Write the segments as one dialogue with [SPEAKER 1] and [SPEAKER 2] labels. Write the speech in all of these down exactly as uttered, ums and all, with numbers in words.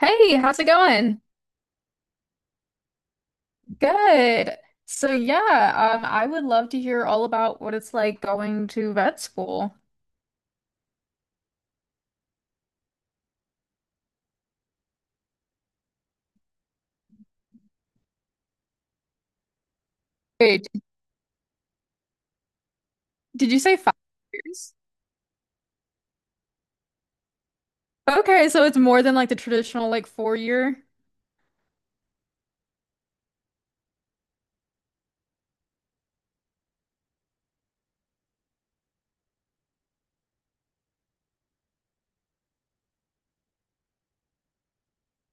[SPEAKER 1] Hey, how's it going? Good. So yeah, um, I would love to hear all about what it's like going to vet school. Wait, did you say five years? Okay, so it's more than like the traditional like four year.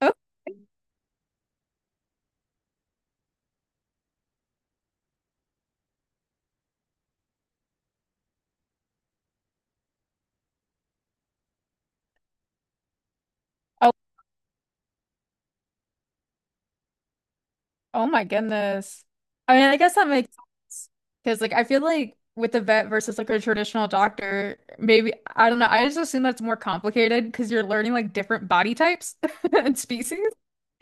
[SPEAKER 1] Oh, oh, oh my goodness. I mean, I guess that makes sense because like I feel like with the vet versus like a traditional doctor, maybe I don't know. I just assume that's more complicated because you're learning like different body types and species.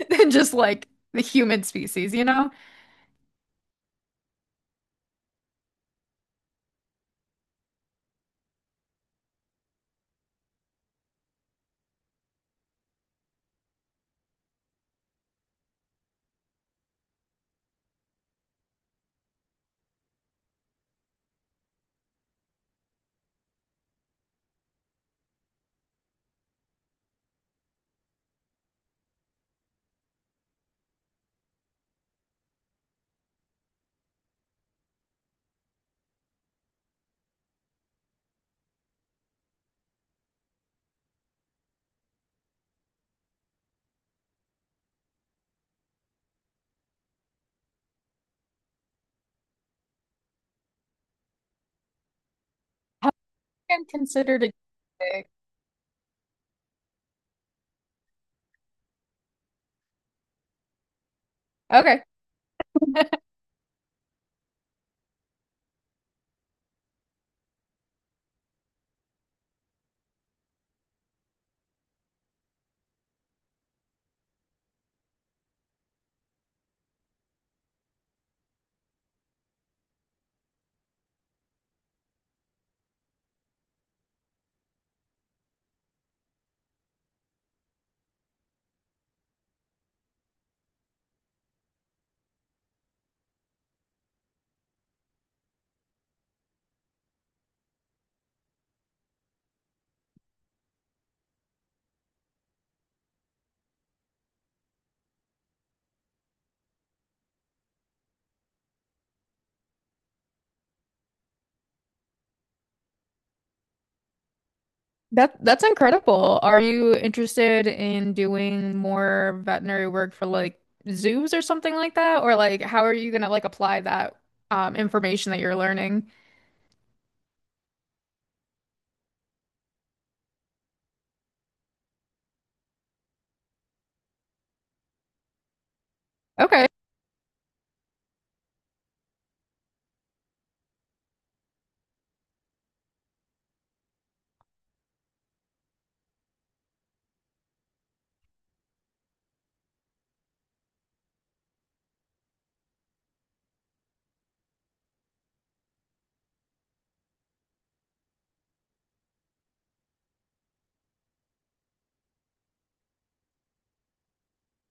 [SPEAKER 1] Than just like the human species, you know? How been considered a Okay. That that's incredible. Are you interested in doing more veterinary work for like zoos or something like that? Or like how are you gonna like apply that um information that you're learning? Okay.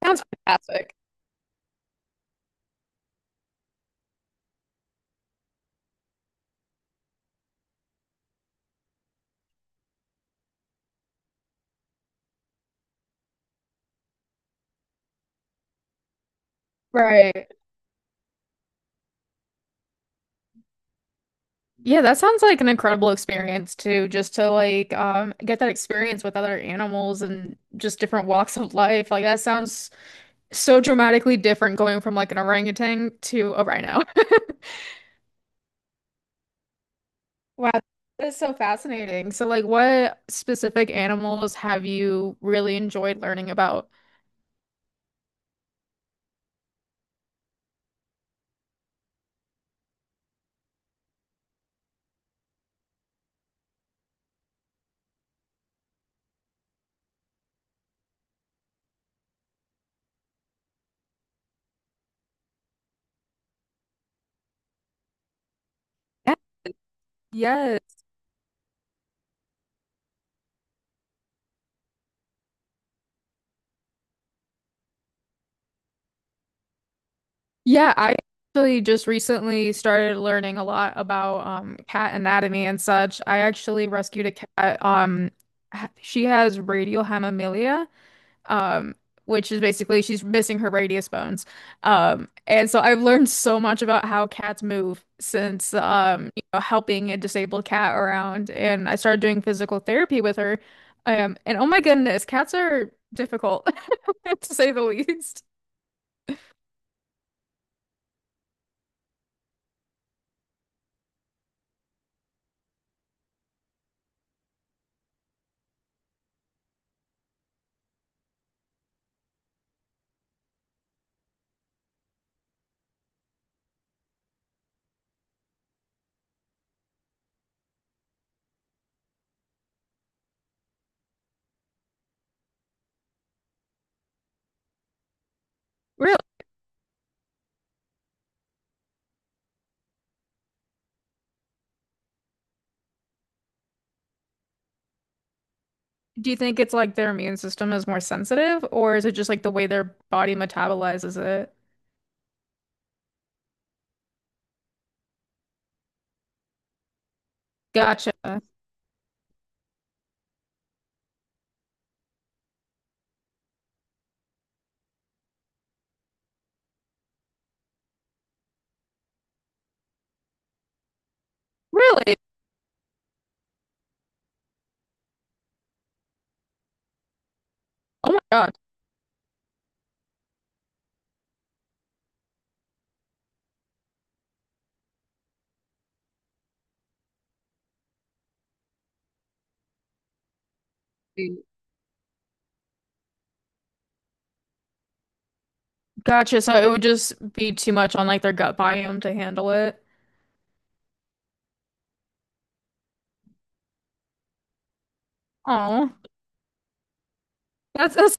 [SPEAKER 1] Sounds fantastic. Right. Yeah, that sounds like an incredible experience too, just to like um get that experience with other animals and just different walks of life. Like that sounds so dramatically different going from like an orangutan to a rhino. Wow, that's so fascinating. So like what specific animals have you really enjoyed learning about? Yeah. Yes. Yeah, I actually just recently started learning a lot about um, cat anatomy and such. I actually rescued a cat. Um, h- she has radiohemimelia, um, which is basically she's missing her radius bones. Um, and so I've learned so much about how cats move since um, you know, helping a disabled cat around. And I started doing physical therapy with her. Um, and oh my goodness, cats are difficult to say the least. Really? Do you think it's like their immune system is more sensitive, or is it just like the way their body metabolizes it? Gotcha. Really? Oh my God. Gotcha. So it would just be too much on like their gut biome to handle it. Oh, that's, that's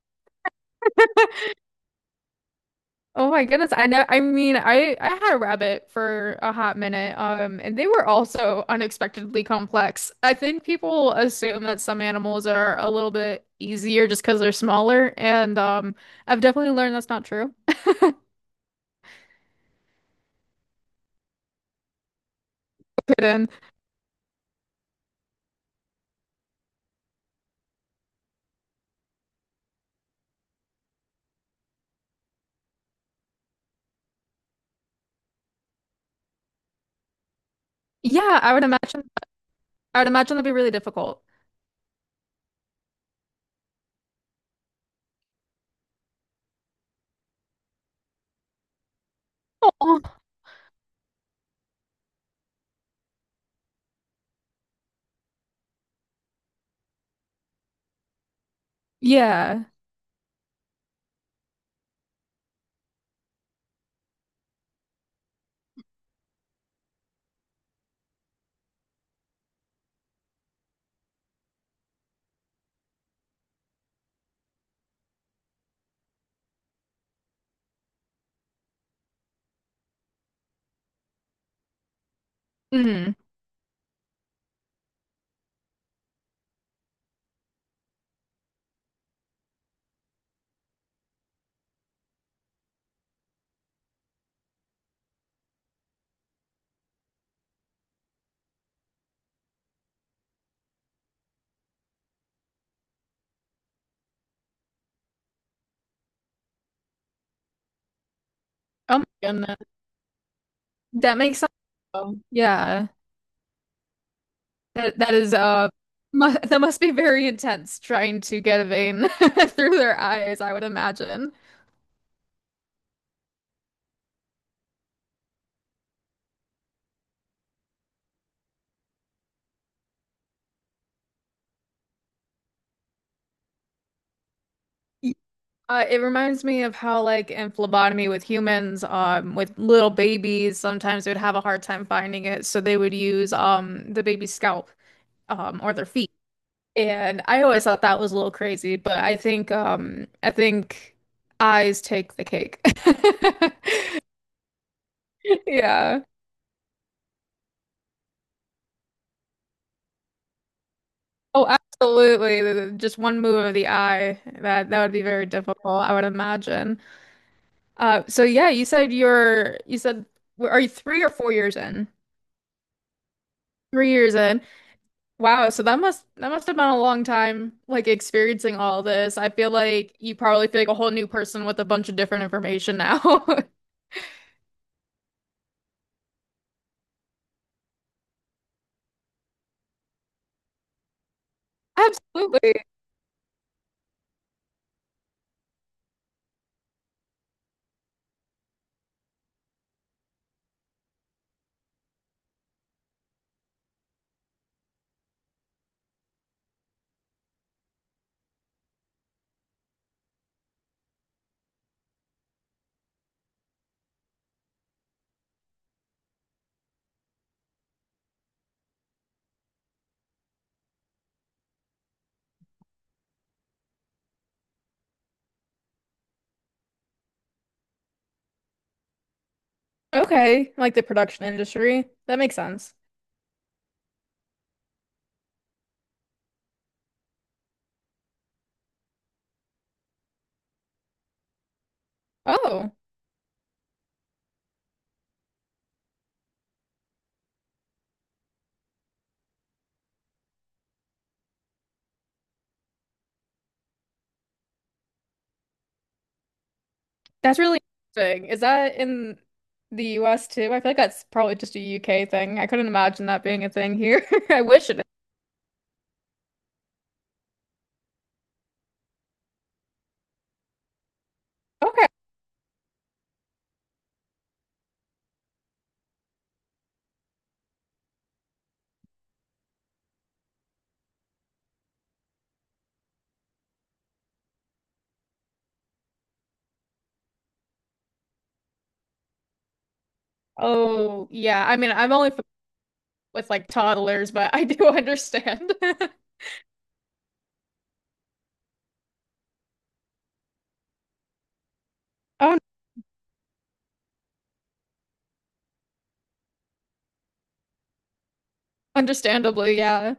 [SPEAKER 1] oh my goodness. I know. I mean, I I had a rabbit for a hot minute, um, and they were also unexpectedly complex. I think people assume that some animals are a little bit easier just because they're smaller, and um, I've definitely learned that's not true. Good. Yeah, I would imagine. I would imagine that'd be really difficult. Oh, yeah. Mm. Oh my goodness. That makes sense. Though. Yeah. That that is uh mu that must be very intense trying to get a vein through their eyes, I would imagine. Y- Uh, it reminds me of how like in phlebotomy with humans, um, with little babies, sometimes they would have a hard time finding it, so they would use um the baby's scalp um or their feet. And I always thought that was a little crazy, but I think um I think eyes take the cake. Yeah. Oh, absolutely. The- the- Just one move of the eye. That that would be very difficult, I would imagine. Uh so yeah, you said you're you said w- are you three or four years in? Three years in. Wow, so that must that must have been a long time like experiencing all this. I feel like you probably feel like a whole new person with a bunch of different information now. Absolutely. Okay, like the production industry. That makes sense. Oh, that's really interesting. Is that in the U S too? I feel like that's probably just a U K thing. I couldn't imagine that being a thing here. I wish it. Okay. Oh, yeah. I mean, I'm only familiar with like toddlers, but I do understand. Oh, understandably, yeah.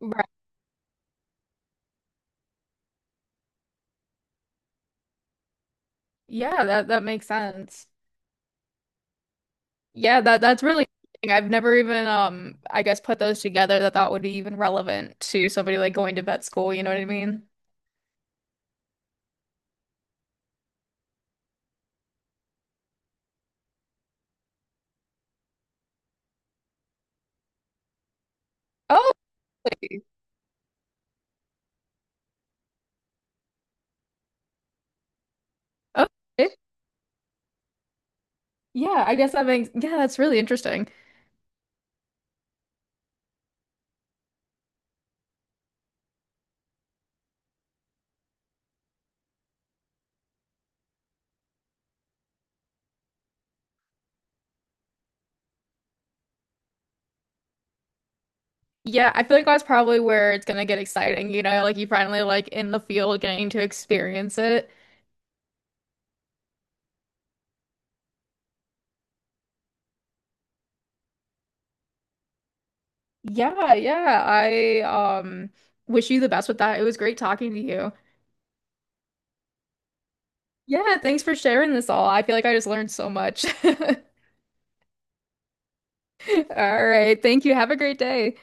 [SPEAKER 1] Right. Yeah, that that makes sense. Yeah, that that's really interesting. I've never even um I guess put those together that that would be even relevant to somebody like going to vet school, you know what I mean? Oh, Okay. Yeah, I guess that makes, yeah, that's really interesting. Yeah, I feel like that's probably where it's gonna get exciting, you know, like you finally like in the field getting to experience it. Yeah, yeah. I um wish you the best with that. It was great talking to you. Yeah, thanks for sharing this all. I feel like I just learned so much. All right. Thank you. Have a great day.